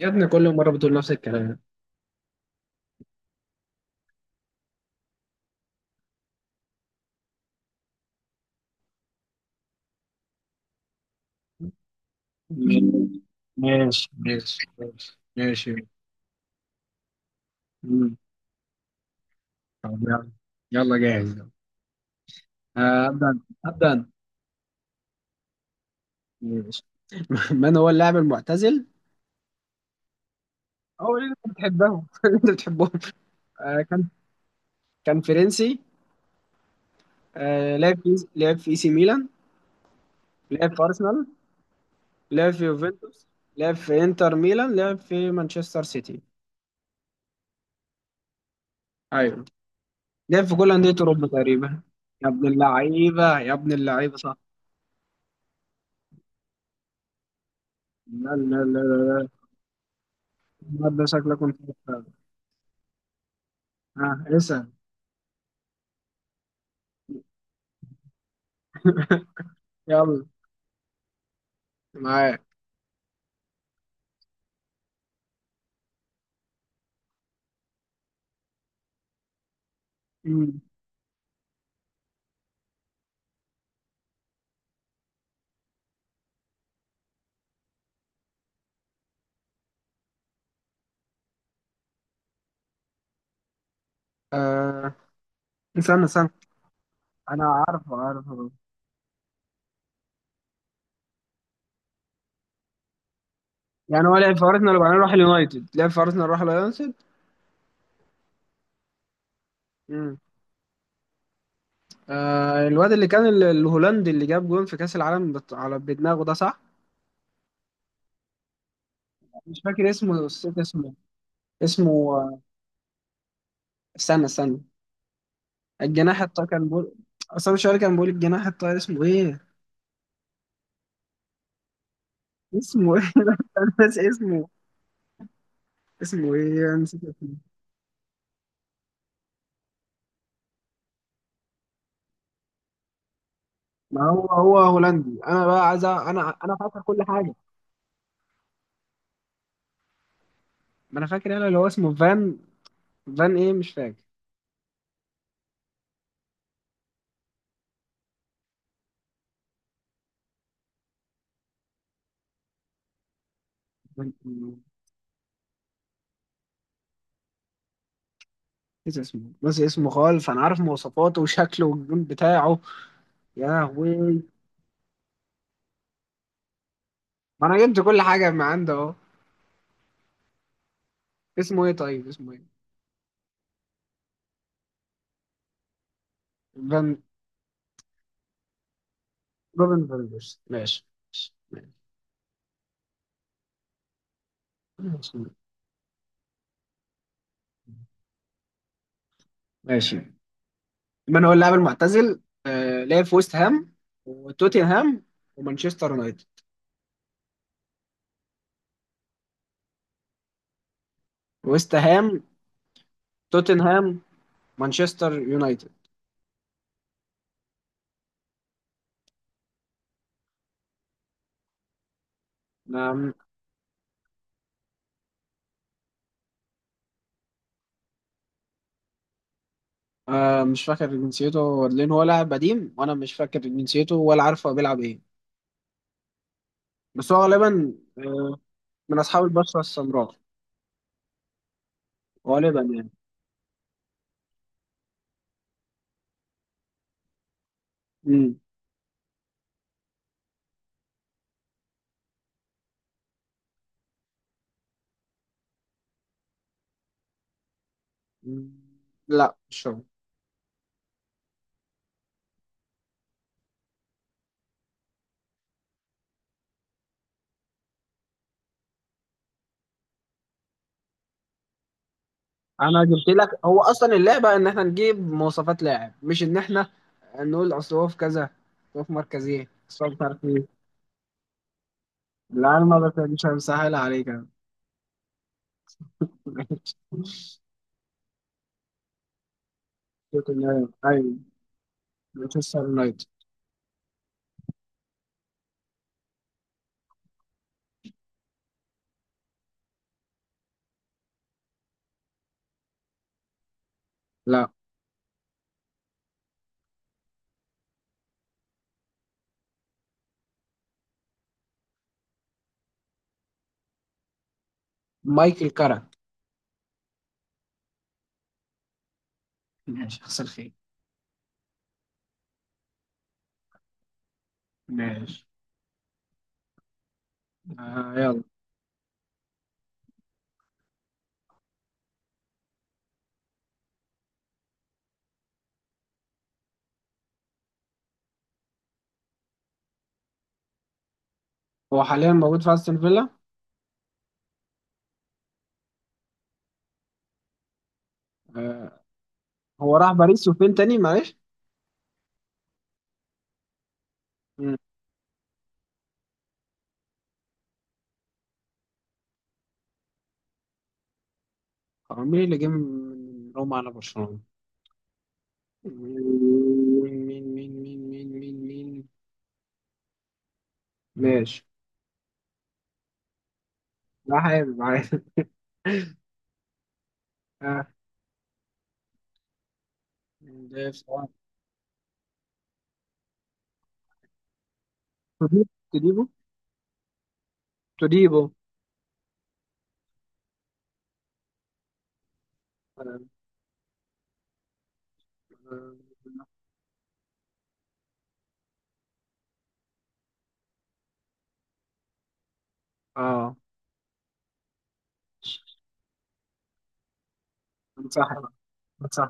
يا ابني كل مرة بتقول نفس الكلام. مم. ماشي ماشي ماشي ماشي. مم. طب يلا. يلا جاهز يلا. آه، أبدأ أبدأ أنا. ماشي. من هو اللاعب المعتزل؟ هو اللي أنت بتحبهم. اللي أنت بتحبهم. كان فرنسي. لعب في اي سي ميلان. لعب في أرسنال. لعب في يوفنتوس. لعب في إنتر ميلان. لعب في مانشستر سيتي. أيوه. لعب في كل أندية أوروبا تقريبا. يا ابن اللعيبة يا ابن اللعيبة صح. لا لا لا لا. ده شكلك كنت بتتابع. ها اسأل. يلا. معاك. مم. آه. استنى استنى، انا عارفه عارفه. يعني هو لعب في ارسنال وبعدين راح اليونايتد. لعب في ارسنال راح اليونايتد. مم. آه. الواد اللي كان الهولندي اللي جاب جون في كأس العالم على بدماغه ده صح؟ مش فاكر اسمه، نسيت اسمه. اسمه آه، استنى استنى. الجناح الطاير كان بيقول، اصلا شوية كان بيقول الجناح الطاير اسمه ايه؟ اسمه ايه؟ أنا ناسي اسمه. اسمه ايه؟ أنا نسيت اسمه. ما هو هو هولندي، انا بقى عايز انا فاكر كل حاجه. ما انا فاكر، انا اللي هو اسمه فان. فان ايه مش فاكر. فان- نسي اسمه نسي اسمه خالص، انا عارف مواصفاته وشكله والجون بتاعه. يا لهوي. ما انا جبت كل حاجه، ما عنده اهو. اسمه ايه طيب؟ اسمه ايه؟ فان. روبن فاندرس ماشي. ماشي. ماشي. ماشي. من هو اللاعب المعتزل؟ آه لعب في ويست هام، وتوتنهام، ومانشستر يونايتد. ويست هام، توتنهام، مانشستر يونايتد. انا آه مش فاكر جنسيته، لان هو لاعب قديم وانا مش فاكر جنسيته ولا عارف هو بيلعب ايه. بس هو غالبا من اصحاب البشره السمراء. غالبا يعني. مم. مم. لا مش هو. انا جبت لك، هو اصلا اللعبه ان احنا نجيب مواصفات لاعب، مش ان احنا نقول اصل هو في كذا، أصل هو في مركز ايه، اصل هو مش عارف ايه. لا انا ما مش مسهل عليك أنا. توتنهام ايوه. مانشستر يونايتد. لا. مايكل كارك. ماشي حصل خير. ماشي. آه يلا. هو حاليا موجود في استون فيلا. آه. هو راح باريس وفين تاني معلش؟ مم. هو مين اللي جه من روما على برشلونة؟ مين؟ مين مين مين مين. مين مين. ماشي. لا حابب عادي. آه. ده بصراحة. توديبو. توديبو. توديبو. آه. آه. انصح. انصح.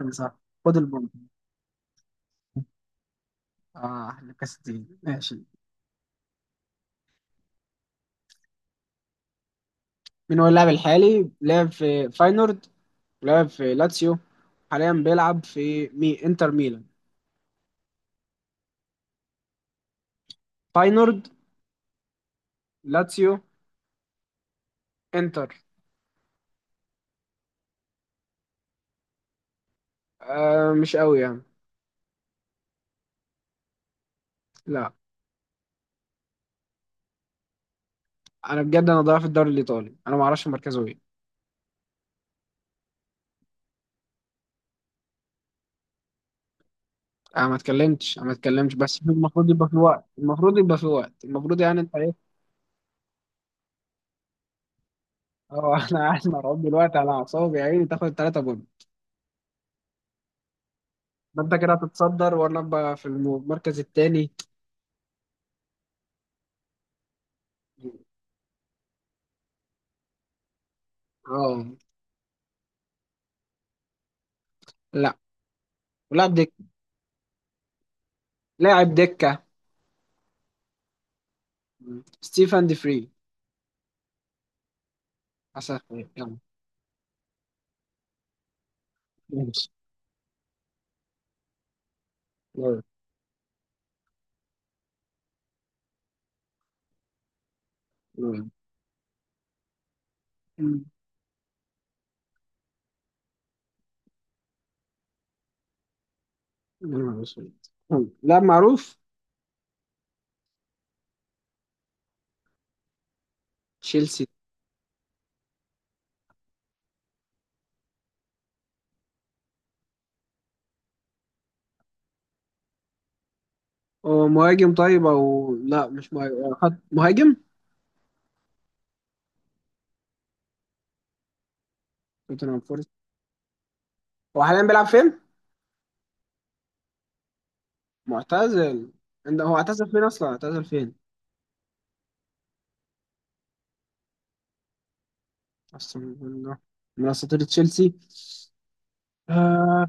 انصح. خد البونت. اه احلى كاس الدين ماشي. مين هو اللاعب الحالي؟ لعب في فاينورد، لعب في لاتسيو، حاليا بيلعب في انتر ميلان. فاينورد. لاتسيو. انتر. آه مش قوي يعني. لا. انا بجد انا ضايع في الدوري الايطالي، انا ما اعرفش مركزه ايه. انا ما اتكلمتش، انا ما اتكلمتش، بس المفروض يبقى في الوقت المفروض يبقى في الوقت المفروض، يعني انت ايه. اه انا قاعد مرعوب دلوقتي على اعصابي يا عيني، تاخد ثلاثة جول. ما انت كده هتتصدر وانا ابقى في المركز الثاني. اه. لا، لاعب دك. لاعب دكة. ستيفن دي فري. عسى. يلا. ماشي. مم. مم. مم. مم. لا معروف. تشيلسي. هو مهاجم طيب او لا مش مهاجم، خط مهاجم؟ توتنهام فورست. هو حاليا بيلعب فين؟ معتزل. هو اعتزل فين اصلا؟ اعتزل فين؟ اصلا من، من اساطير تشيلسي. آه.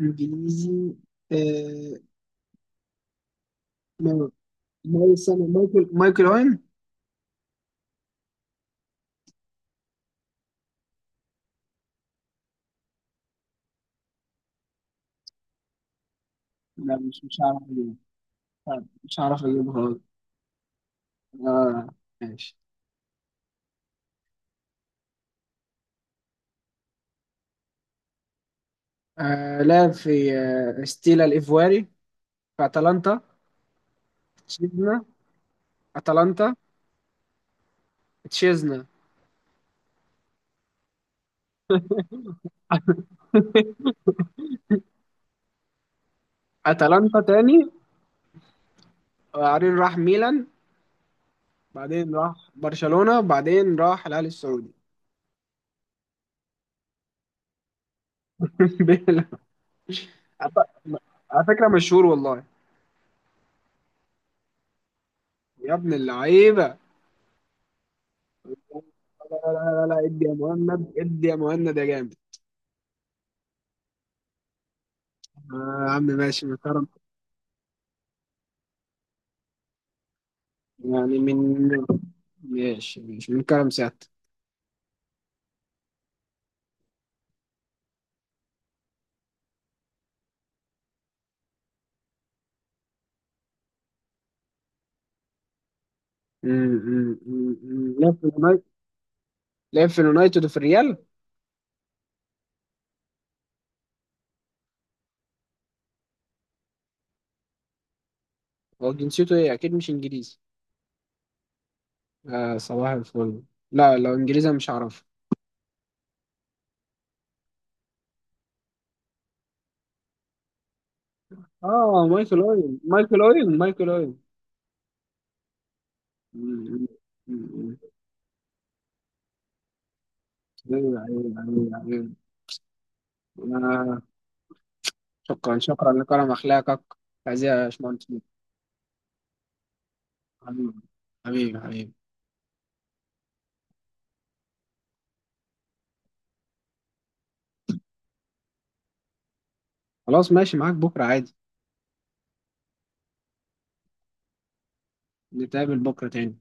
انجليزي. آه. ما- استنى، مايكل مايكل اوين. لا مش هعرف اجيبه. طيب، مش هعرف اجيبه خالص. آه. ماشي. آه لعب في آه ستيلا الايفواري. في اتلانتا. اتلانتا. تشيزنا. اتلانتا تاني. وبعدين راح ميلان. بعدين راح برشلونة. بعدين راح الأهلي السعودي. بلا- أعت- على فكرة مشهور والله. يا ابن اللعيبة. لا لا لا لا. ادي يا مهند ادي يا مهند يا جامد. آه يا عم ماشي من كرم. يعني من، ماشي ماشي من كرم سيادتك. م- م- م- م. لعب في اليونايتد. لعب في اليونايتد وفي الريال. هو جنسيته ايه؟ اكيد مش انجليزي. آه صباح الفل. لا لو انجليزي أنا مش هعرف. اه، مايكل اوين مايكل اوين مايكل اوين. مم. مم. ايوه ايوه ايوه ايوه. آه. شكرا شكرا لكرم اخلاقك. عزيز يا باشمهندس. حبيبي. حبيبي. حبيبي. خلاص ماشي، معاك بكره عادي. نتقابل بكره تاني.